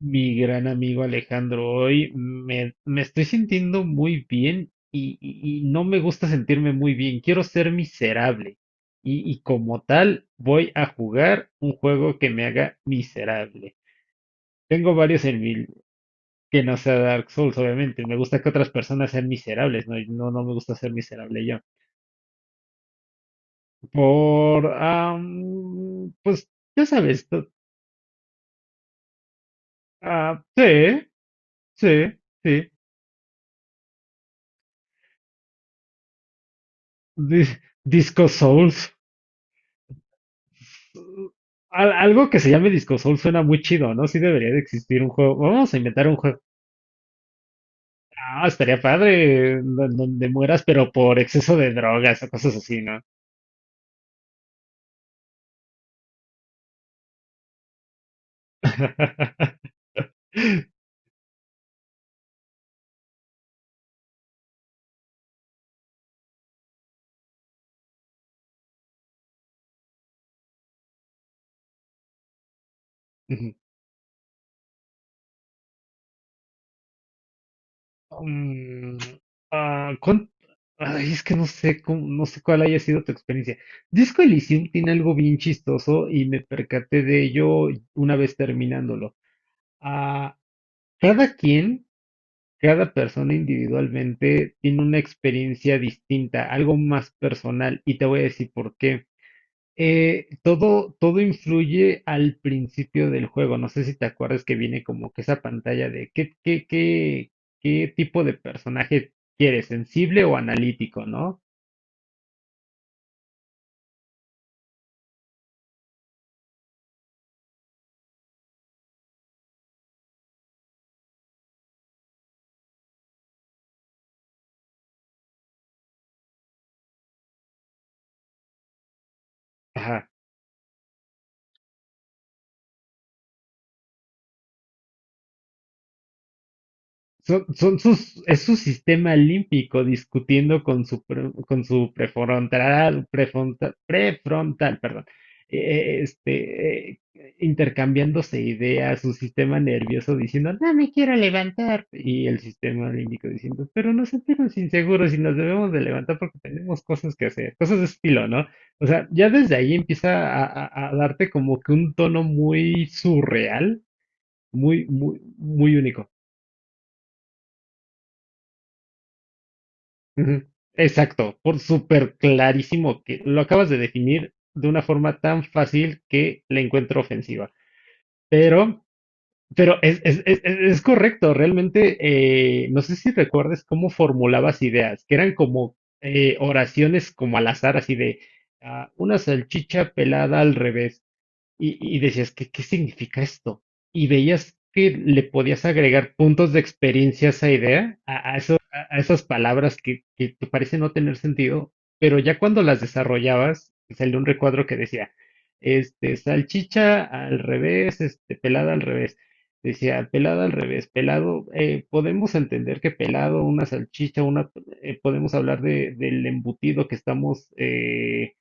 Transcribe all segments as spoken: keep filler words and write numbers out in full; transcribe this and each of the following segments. Mi gran amigo Alejandro, hoy me, me estoy sintiendo muy bien y, y- y no me gusta sentirme muy bien. Quiero ser miserable. Y, y como tal, voy a jugar un juego que me haga miserable. Tengo varios en mi, Que no sea Dark Souls, obviamente. Me gusta que otras personas sean miserables, ¿no? Y no, no me gusta ser miserable yo. Por, am, pues, ya sabes, to- ah, sí, sí, sí. Dis- Disco Souls. al- algo que se llame Disco Soul suena muy chido, ¿no? Sí debería de existir un juego. Vamos a inventar un juego. Ah, estaría padre, en don- donde mueras, pero por exceso de drogas o cosas así, ¿no? Ujú. Mm, ah, ¿cuán- Ay, es que no sé cómo- no sé cuál haya sido tu experiencia. Disco Elysium tiene algo bien chistoso y me percaté de ello una vez terminándolo. Ah, cada quien Cada persona individualmente tiene una experiencia distinta, algo más personal, y te voy a decir por qué. Eh, todo, todo influye al principio del juego. No sé si te acuerdas que viene como que esa pantalla de qué, qué, qué, qué tipo de personaje quieres, sensible o analítico, ¿no? Ajá. Son, son sus, es su sistema límpico discutiendo con su, pre- con su prefrontal, prefrontal, prefrontal, perdón, eh, eh, este, eh, intercambiándose ideas, su sistema nervioso diciendo, no me quiero levantar, y el sistema límbico diciendo, pero nos sentimos inseguros y nos debemos de levantar porque tenemos cosas que hacer, cosas de estilo, ¿no? O sea, ya desde ahí empieza a, a a darte como que un tono muy surreal, muy, muy, muy único. Ujú, exacto, por súper clarísimo que lo acabas de definir de una forma tan fácil que le encuentro ofensiva. Pero, pero es, es, es, es- es correcto, realmente. Eh, no sé si recuerdes cómo formulabas ideas, que eran como eh, oraciones como al azar, así de ah, una salchicha pelada al revés. Y, y decías, ¿qué, qué significa esto? Y veías que le podías agregar puntos de experiencia a esa idea, a, a eso- a- a esas palabras que, que te parece no tener sentido, pero ya cuando las desarrollabas, salió un recuadro que decía, este, salchicha al revés, este, pelada al revés. Decía, pelada al revés, pelado, eh, podemos entender que pelado, una salchicha, una, eh, podemos hablar de, del embutido que estamos eh,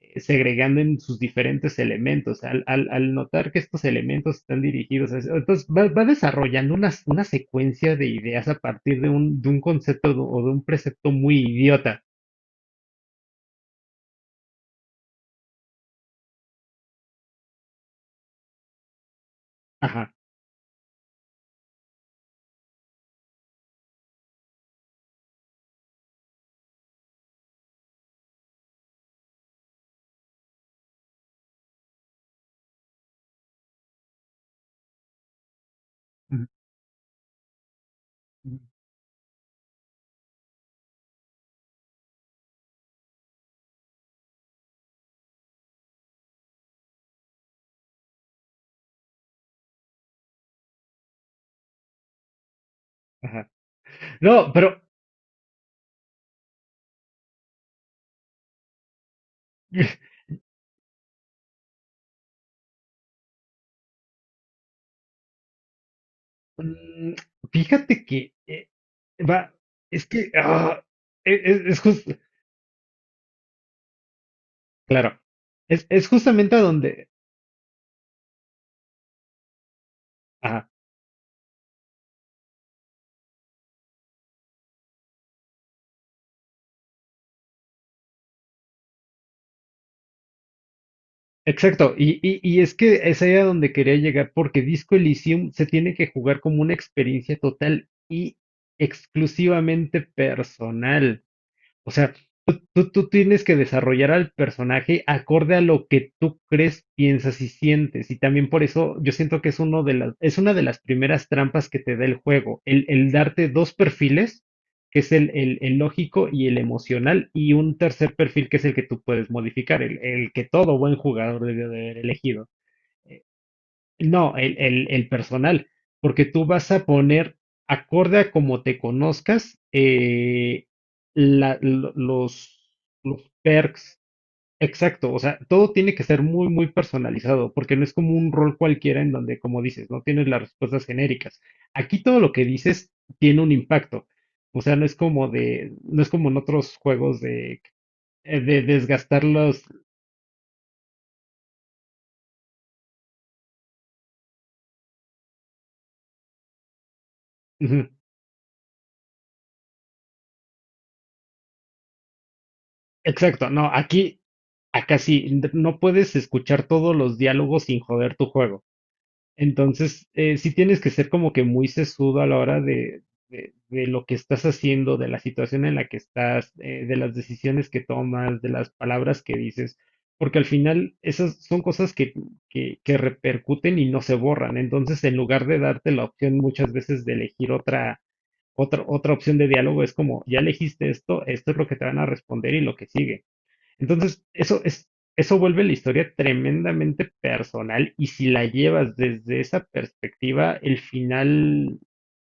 eh, segregando en sus diferentes elementos. Al, al- al notar que estos elementos están dirigidos a eso, entonces va, va desarrollando una, una secuencia de ideas a partir de un, de un concepto o de un precepto muy idiota. Ajá. Ajá. No, pero mm, fíjate que eh, va, es que ah, e- es, es, jus- claro, es, es justamente a donde, ajá. Exacto, y, y, y es que esa era donde quería llegar, porque Disco Elysium se tiene que jugar como una experiencia total y exclusivamente personal. O sea, tú, tú tienes que desarrollar al personaje acorde a lo que tú crees, piensas y sientes. Y también por eso yo siento que es uno de las, es una de las primeras trampas que te da el juego, el, el darte dos perfiles, que es el, el- el lógico y el emocional, y un tercer perfil que es el que tú puedes modificar, el, el que todo buen jugador debe de haber elegido. No, el, el- el personal, porque tú vas a poner, acorde a como te conozcas, eh, la- lo- los, los perks. Exacto, o sea, todo tiene que ser muy, muy personalizado, porque no es como un rol cualquiera en donde, como dices, no tienes las respuestas genéricas. Aquí todo lo que dices tiene un impacto. O sea, no es como de, no es como en otros juegos de, eh, de desgastar los. Ujú, exacto, no, aquí. Acá sí, no puedes escuchar todos los diálogos sin joder tu juego. Entonces, eh, sí tienes que ser como que muy sesudo a la hora de, de- de lo que estás haciendo, de la situación en la que estás, eh, de las decisiones que tomas, de las palabras que dices, porque al final esas son cosas que, que, que repercuten y no se borran. Entonces, en lugar de darte la opción muchas veces de elegir otra, otra, otra opción de diálogo, es como, ya elegiste esto, esto es lo que te van a responder y lo que sigue. Entonces, eso es, eso vuelve la historia tremendamente personal y si la llevas desde esa perspectiva, el final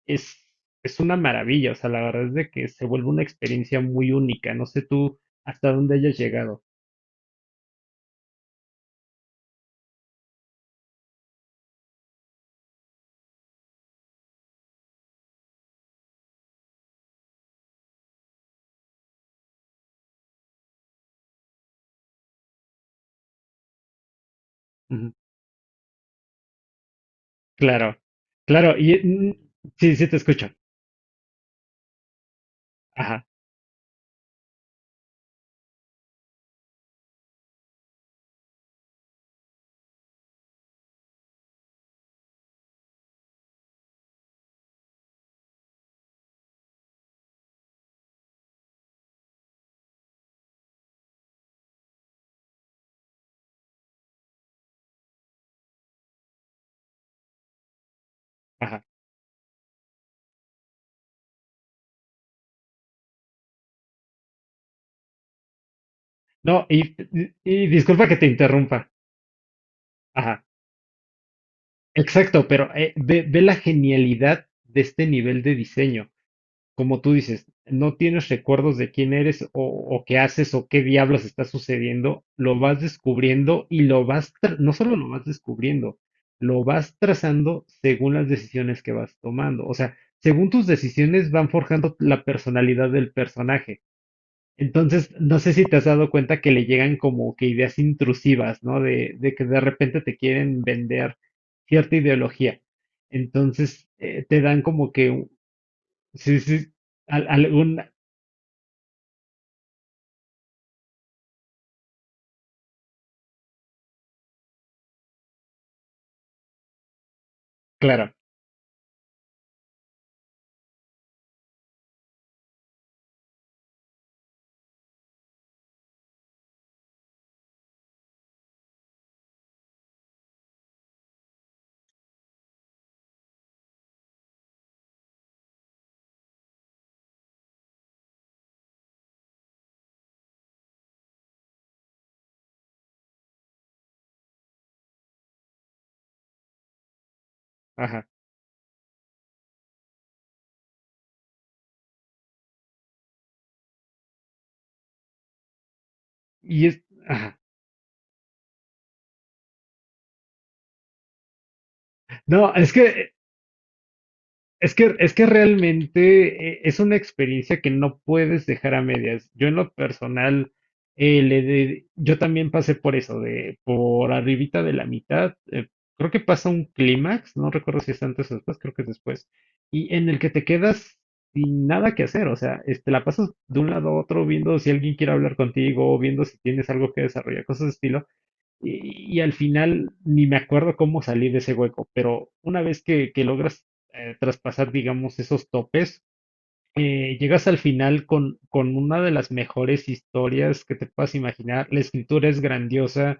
es, es una maravilla. O sea, la verdad es de que se vuelve una experiencia muy única. No sé tú hasta dónde hayas llegado. Ujú, claro, claro. Y mm, sí, sí te escucho. Ajá, ajá. No, y, y disculpa que te interrumpa. Ajá. Exacto, pero eh, ve, ve la genialidad de este nivel de diseño. Como tú dices, no tienes recuerdos de quién eres o, o qué haces o qué diablos está sucediendo, lo vas descubriendo y lo vas, tra- no solo lo vas descubriendo, lo vas trazando según las decisiones que vas tomando. O sea, según tus decisiones van forjando la personalidad del personaje. Entonces, no sé si te has dado cuenta que le llegan como que ideas intrusivas, ¿no? De, de que de repente te quieren vender cierta ideología. Entonces, eh, te dan como que, sí, sí, al- algún, claro, ajá. Y es, ajá. No, es que, es que, es que realmente eh, es una experiencia que no puedes dejar a medias. Yo en lo personal, eh, le de- yo también pasé por eso, de por arribita de la mitad. Eh, creo que pasa un clímax, no recuerdo si es antes o después, creo que es después, y en el que te quedas sin nada que hacer. O sea, este, la pasas de un lado a otro viendo si alguien quiere hablar contigo, viendo si tienes algo que desarrollar, cosas de estilo. Y, y al final ni me acuerdo cómo salí de ese hueco, pero una vez que, que logras eh, traspasar, digamos, esos topes, eh, llegas al final con, con, una de las mejores historias que te puedas imaginar. La escritura es grandiosa.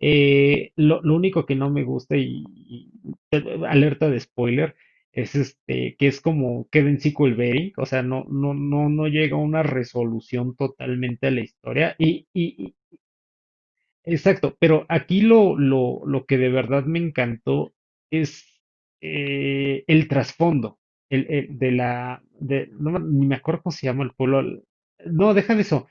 Eh, lo, lo único que no me gusta y, y- eh, alerta de spoiler es este que es como queda en sequel baiting, o sea, no, no, no, no llega a una resolución totalmente a la historia y, y, Exacto, pero aquí lo, lo, lo que de verdad me encantó es eh, el trasfondo, el, el- de la, de, no, me- ni me acuerdo cómo se llama el pueblo. al- No, deja de eso.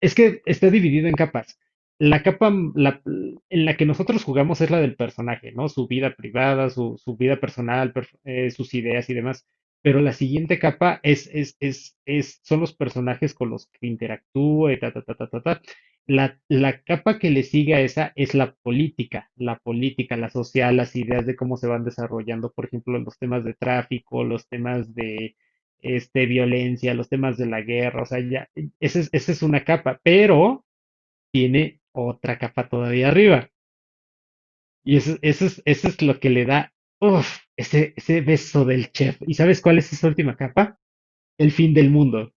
Es que está dividido en capas. La capa m- la- En la que nosotros jugamos es la del personaje, ¿no? Su vida privada, su, su vida personal, perf- eh, sus ideas y demás. Pero la siguiente capa es, es, es, es, son los personajes con los que interactúa y ta, ta, ta, ta, ta, ta. La, la capa que le sigue a esa es la política, la política, la social, las ideas de cómo se van desarrollando, por ejemplo, los temas de tráfico, los temas de este, violencia, los temas de la guerra, o sea, ya, esa es, esa es una capa, pero tiene otra capa todavía arriba. Y eso, eso, es, eso es lo que le da, uff, ese, ese beso del chef. ¿Y sabes cuál es esa última capa? El fin del mundo.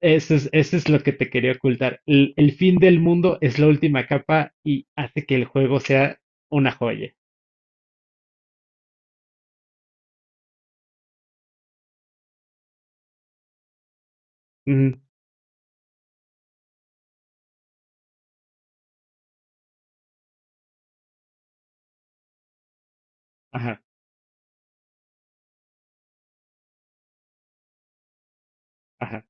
Eso es, eso es lo que te quería ocultar. El, el fin del mundo es la última capa y hace que el juego sea una joya. Ujú, ajá, ajá,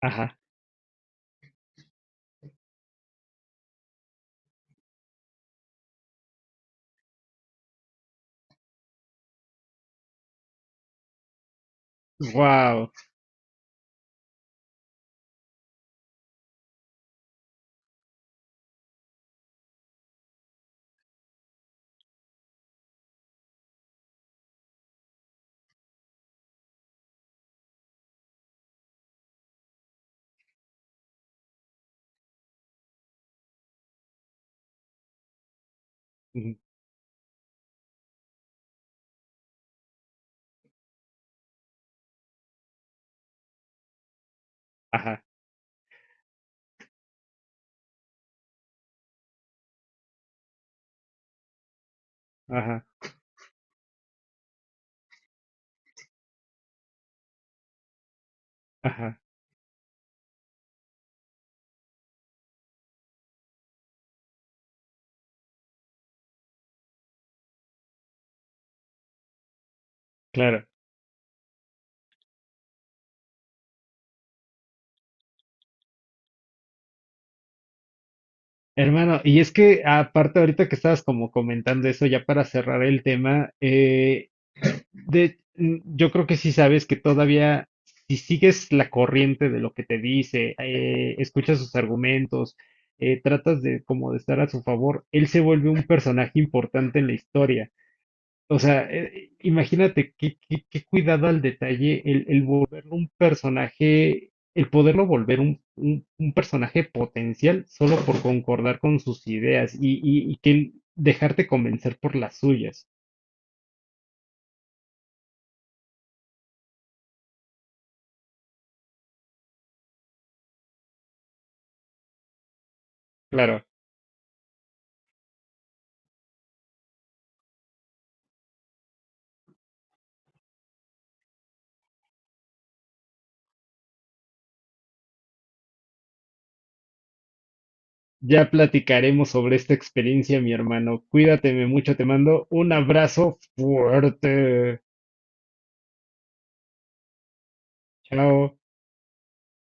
ajá. Wow. Ajá, ajá, ajá. Claro. Hermano, y es que aparte ahorita que estabas como comentando eso, ya para cerrar el tema, eh, de, mm, yo creo que sí sabes que todavía, si sigues la corriente de lo que te dice, eh, escuchas sus argumentos, eh, tratas de como de estar a su favor, él se vuelve un personaje importante en la historia. O sea, eh, imagínate qué, qué- qué cuidado al detalle el, el volverlo un personaje, el poderlo volver un, un- un personaje potencial solo por concordar con sus ideas y, y- y que él- dejarte convencer por las suyas. Claro, ya platicaremos sobre esta experiencia, mi hermano. Cuídateme mucho, te mando un abrazo fuerte. Chao.